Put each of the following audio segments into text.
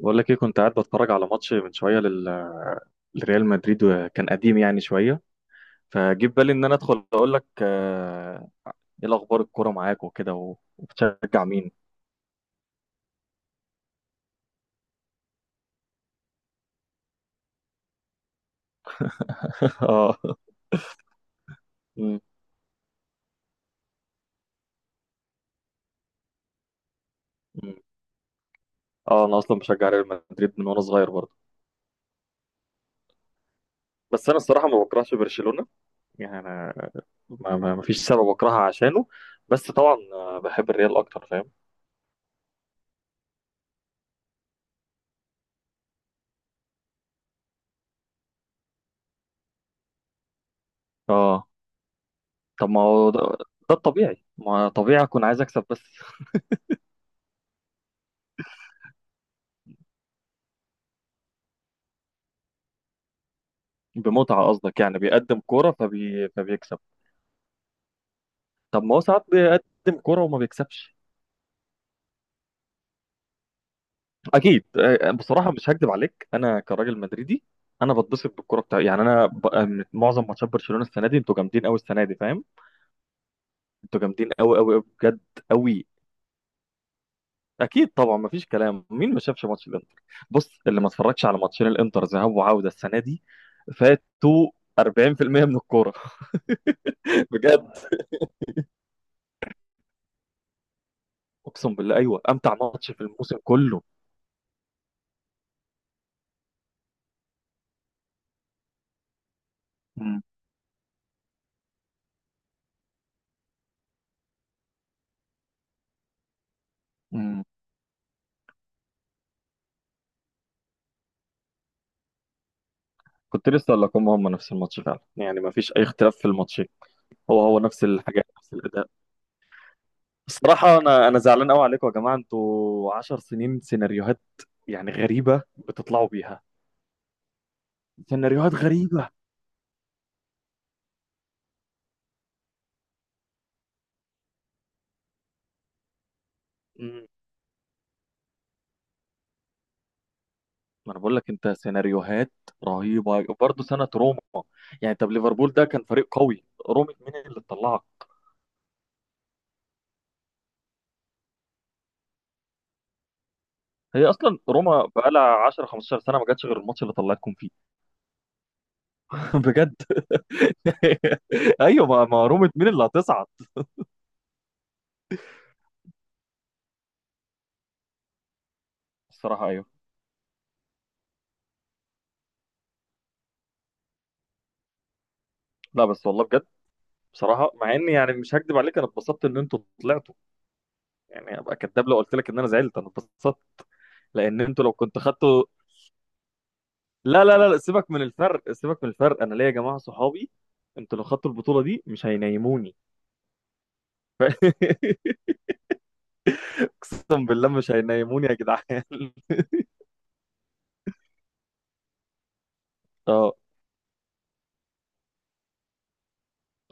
بقول لك ايه؟ كنت قاعد بتفرج على ماتش من شويه لريال مدريد، وكان قديم يعني شويه، فجيب بالي ان انا ادخل اقول لك ايه الاخبار؟ الكوره معاك وكده، وبتشجع مين؟ اه. م- م. اه، انا اصلا بشجع ريال مدريد من وانا صغير برضه، بس انا الصراحه ما بكرهش برشلونه. يعني انا ما فيش سبب اكرهها عشانه، بس طبعا بحب الريال اكتر، فاهم؟ اه. طب ما هو ده الطبيعي، ما طبيعي اكون عايز اكسب بس؟ بمتعه قصدك؟ يعني بيقدم كوره فبيكسب. طب ما هو ساعات بيقدم كوره وما بيكسبش. اكيد بصراحه مش هكدب عليك، انا كراجل مدريدي انا بتبسط بالكوره بتاع، يعني انا من معظم ماتشات برشلونه السنه دي انتوا جامدين قوي. السنه دي، فاهم؟ انتوا جامدين قوي قوي بجد، قوي. اكيد طبعا، ما فيش كلام، مين ما شافش ماتش الانتر؟ بص، اللي ما اتفرجش على ماتشين الانتر ذهاب وعوده السنه دي فاتوا 40% من الكوره. بجد. اقسم بالله، ايوه، امتع ماتش في الموسم كله. مم. مم. كنت لسه اقول لكم هم نفس الماتش فعلا، يعني ما فيش اي اختلاف في الماتش، هو هو نفس الحاجات نفس الاداء. الصراحه انا زعلان قوي عليكم يا جماعه، انتوا 10 سنين سيناريوهات يعني غريبه بتطلعوا بيها، سيناريوهات غريبه. امم. ما انا بقول لك انت، سيناريوهات رهيبه برضه سنه روما. يعني طب ليفربول ده كان فريق قوي، روما مين اللي طلعك؟ هي اصلا روما بقالها 10 15 سنه ما جاتش غير الماتش اللي طلعتكم فيه. بجد. ايوه، ما روما مين اللي هتصعد؟ الصراحه ايوه. لا بس والله بجد، بصراحه مع اني يعني مش هكدب عليك، انا اتبسطت ان انتوا طلعتوا. يعني ابقى كداب لو قلت لك ان انا زعلت، انا اتبسطت. لان انتوا لو كنت خدتوا، لا، سيبك من الفرق، سيبك من الفرق، انا ليا يا جماعه صحابي. انتوا لو خدتوا البطوله دي مش هينيموني. ف- اقسم بالله مش هينيموني يا جدعان. اه،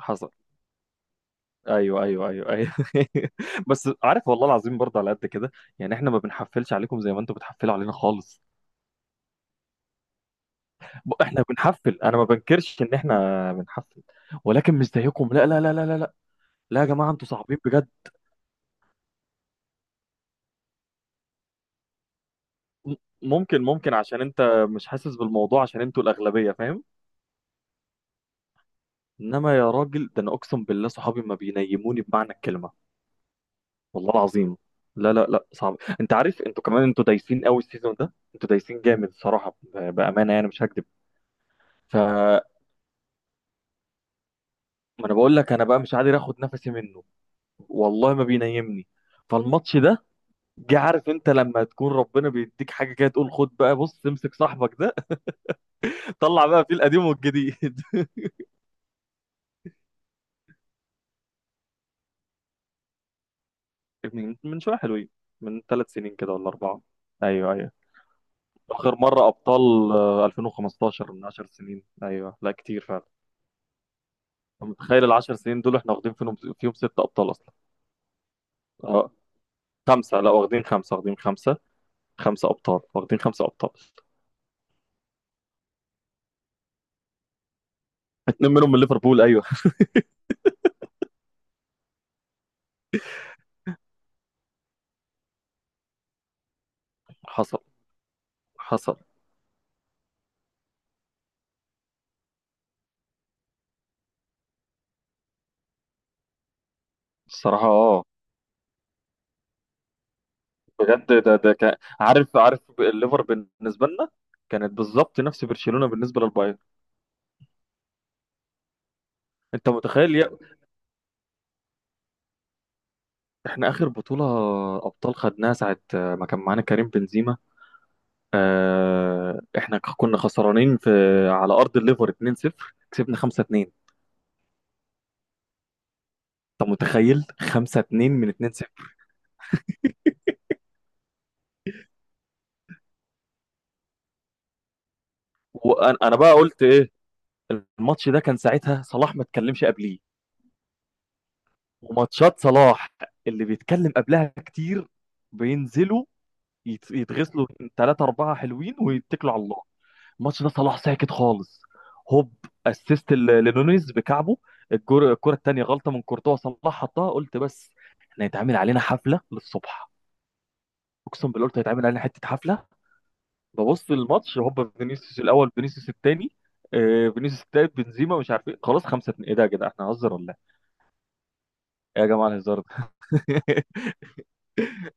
حصل، ايوه ايوه ايوه ايوه. بس عارف والله العظيم برضه على قد كده، يعني احنا ما بنحفلش عليكم زي ما انتوا بتحفلوا علينا خالص. احنا بنحفل، انا ما بنكرش ان احنا بنحفل، ولكن مش زيكم، لا لا لا لا لا لا. لا يا جماعه انتوا صعبين بجد. م- ممكن، ممكن عشان انت مش حاسس بالموضوع، عشان انتوا الاغلبيه، فاهم؟ انما يا راجل، ده انا اقسم بالله صحابي ما بينيموني بمعنى الكلمه، والله العظيم. لا لا لا، صعب. انت عارف انتوا كمان انتوا دايسين قوي السيزون ده، انتوا دايسين جامد صراحه، بامانه يعني مش هكذب. ف ما انا بقول لك، انا بقى مش قادر اخد نفسي منه، والله ما بينيمني. فالماتش ده جه، عارف انت لما تكون ربنا بيديك حاجه كده تقول خد بقى، بص، امسك صاحبك ده. طلع بقى فيه القديم والجديد. من من شويه حلوين، من ثلاث سنين كده ولا اربعه. ايوه ايوه. اخر مره ابطال 2015، من 10 سنين، ايوه لا، كتير فعلا. أنت متخيل ال 10 سنين دول احنا واخدين فيهم فيهم ست ابطال اصلا؟ اه، خمسه، لا واخدين خمسه، واخدين خمسه، خمسه ابطال، واخدين خمسه ابطال. اتنين منهم من ليفربول، ايوه. حصل، حصل. الصراحه اه. بجد ده كان، عارف الليفر بالنسبه لنا كانت بالظبط نفس برشلونه بالنسبه للبايرن. انت متخيل؟ احنا اخر بطولة ابطال خدناها ساعة ما كان معانا كريم بنزيما، اه احنا كنا خسرانين في، على ارض الليفر 2-0 كسبنا 5-2. انت متخيل 5-2 من 2-0؟ وانا بقى قلت ايه. الماتش ده كان ساعتها صلاح ما اتكلمش قبليه، وماتشات صلاح اللي بيتكلم قبلها كتير بينزلوا يتغسلوا، ثلاثة أربعة حلوين ويتكلوا على الله. الماتش ده صلاح ساكت خالص، هوب، اسيست لنونيز بكعبه. الكرة التانية غلطة من كورتوا صلاح حطها، قلت بس، احنا هيتعمل علينا حفلة للصبح. اقسم بالله قلت هيتعمل علينا حتة حفلة. ببص للماتش، هوب، فينيسيوس الاول، فينيسيوس التاني، فينيسيوس التالت، بنزيما، مش عارف ايه، خلاص خمسة اتنين. ايه ده يا جدع؟ احنا هنهزر ولا ايه؟ إيه يا جماعة الهزار ده؟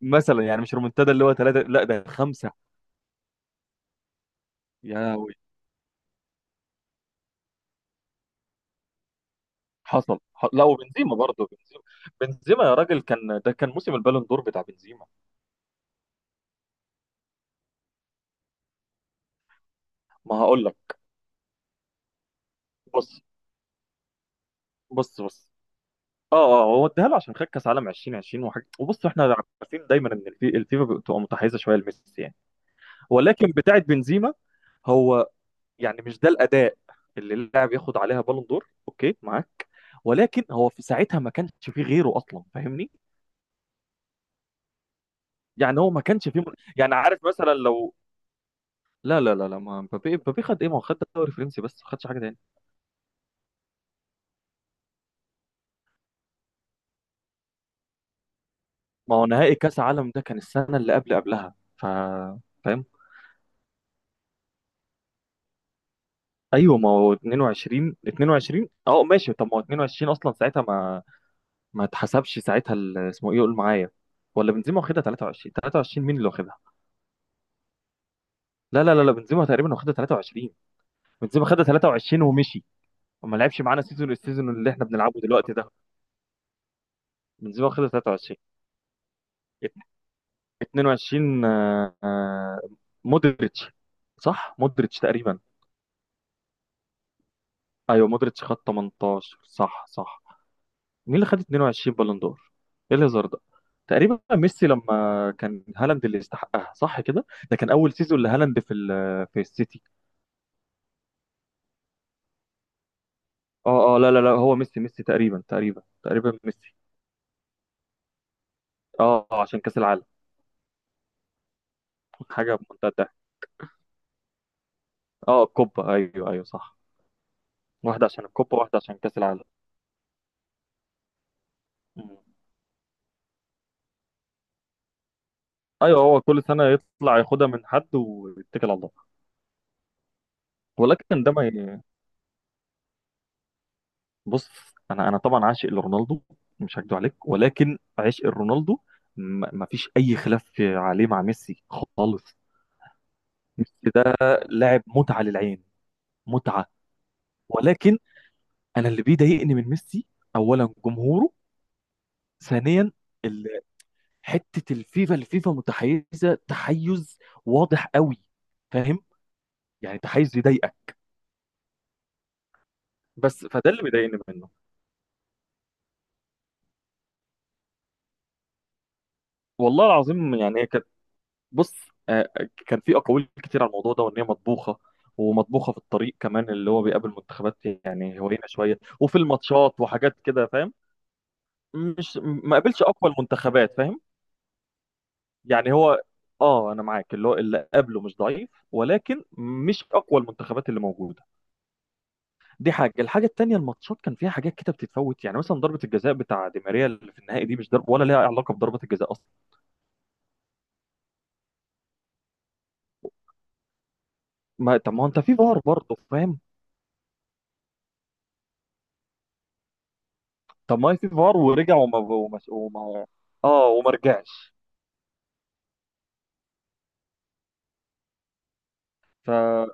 مثلا يعني مش رومنتادا اللي هو ثلاثة، لا ده خمسة. يا وي. حصل، لا وبنزيما برضه، بنزيما، بنزيما يا راجل كان، ده كان موسم البالون دور بتاع بنزيما. ما هقول لك. بص بص بص. اه اه، هو اداها له عشان خد كاس عالم 2020 وحاجه، وبص احنا عارفين دايما ان الفيفا بتبقى متحيزه شويه لميسي، يعني. ولكن بتاعه بنزيما هو، يعني مش ده الاداء اللي اللاعب ياخد عليها بالون دور، اوكي معاك، ولكن هو في ساعتها ما كانش فيه غيره اصلا، فاهمني؟ يعني هو ما كانش فيه يعني عارف مثلا لو. لا لا لا لا، ما مبابي مبابي خد ايه؟ ما هو خد الدوري الفرنسي بس، ما خدش حاجه تاني. ما هو نهائي كاس عالم ده كان السنه اللي قبل قبلها، ف فاهم. ايوه ما هو 22، 22 اه ماشي. طب ما هو 22 اصلا ساعتها ما، اتحسبش ساعتها، اسمه ايه، قول معايا؟ ولا بنزيما واخدها 23؟ 23 مين اللي واخدها؟ لا لا لا لا، بنزيما تقريبا واخدها 23. بنزيما خدها 23 ومشي، وما لعبش معانا سيزون، السيزون اللي احنا بنلعبه دلوقتي ده. بنزيما واخدها 23. ات- 22 مودريتش. صح مودريتش تقريبا. ايوه مودريتش خد 18، صح صح. مين اللي خد 22 بالون دور؟ ايه الهزار ده؟ تقريبا ميسي. لما كان هالاند اللي استحقها، صح كده؟ ده كان اول سيزون لهالاند في في السيتي. اه اه، لا لا لا، هو ميسي، ميسي تقريبا، تقريبا ميسي. اه عشان كاس العالم. حاجه بمنتهى الضحك. اه، الكوبا، ايوه ايوه صح. واحده عشان الكوبا، واحده عشان كاس العالم. مم. ايوه، هو كل سنه يطلع ياخدها من حد ويتكل على الله. ولكن ده ما بص، انا انا طبعا عاشق لرونالدو، مش هكدب عليك، ولكن عشق رونالدو ما فيش اي خلاف عليه مع ميسي خالص. ميسي ده لاعب متعه للعين، متعه، ولكن انا اللي بيضايقني من ميسي: اولا جمهوره، ثانيا ال- حته الفيفا، الفيفا متحيزه تحيز واضح قوي، فاهم؟ يعني تحيز يضايقك. بس فده اللي بيضايقني منه، والله العظيم، يعني. بص، كان في اقاويل كتير على الموضوع ده، وان هي مطبوخه ومطبوخه في الطريق كمان، اللي هو بيقابل منتخبات يعني هوينه شويه، وفي الماتشات وحاجات كده، فاهم؟ مش ما قابلش اقوى المنتخبات، فاهم؟ يعني هو، اه انا معاك، اللي هو اللي قابله مش ضعيف، ولكن مش اقوى المنتخبات اللي موجوده. دي حاجه. الحاجه التانيه، الماتشات كان فيها حاجات كده بتتفوت، يعني مثلا ضربه الجزاء بتاع دي ماريا اللي في النهائي دي، مش ضرب ولا ليها علاقه بضربه الجزاء اصلا. ما طب ما هو انت في فار برضه، فاهم؟ طب ما في فار ورجع، وما، اه، وما رجعش. فانا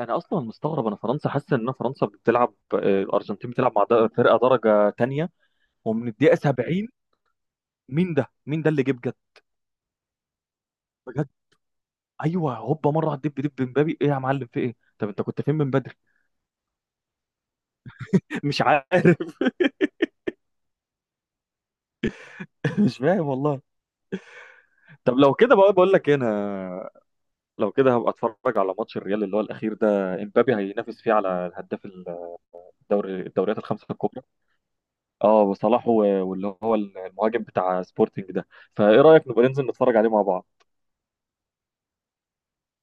اصلا مستغرب. انا فرنسا حاسس ان فرنسا بتلعب، الارجنتين بتلعب مع فرقه درجه تانية. ومن الدقيقه 70 مين ده؟ مين ده اللي جه بجد؟ بجد، ايوه هوبا مره على الدب دب، مبابي ايه يا معلم، في ايه؟ طب انت كنت فين من بدري؟ مش عارف. مش فاهم والله. طب لو كده بقى، بقول لك انا لو كده هبقى اتفرج على ماتش الريال اللي هو الاخير ده، امبابي هينافس فيه على الهداف الدوري، الدوريات الخمسه الكبرى. اه وصلاح، واللي هو المهاجم بتاع سبورتنج ده. فايه رايك نبقى ننزل نتفرج عليه مع بعض؟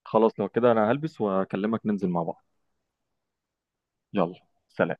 خلاص لو كده انا هلبس واكلمك ننزل مع بعض. يلا. سلام.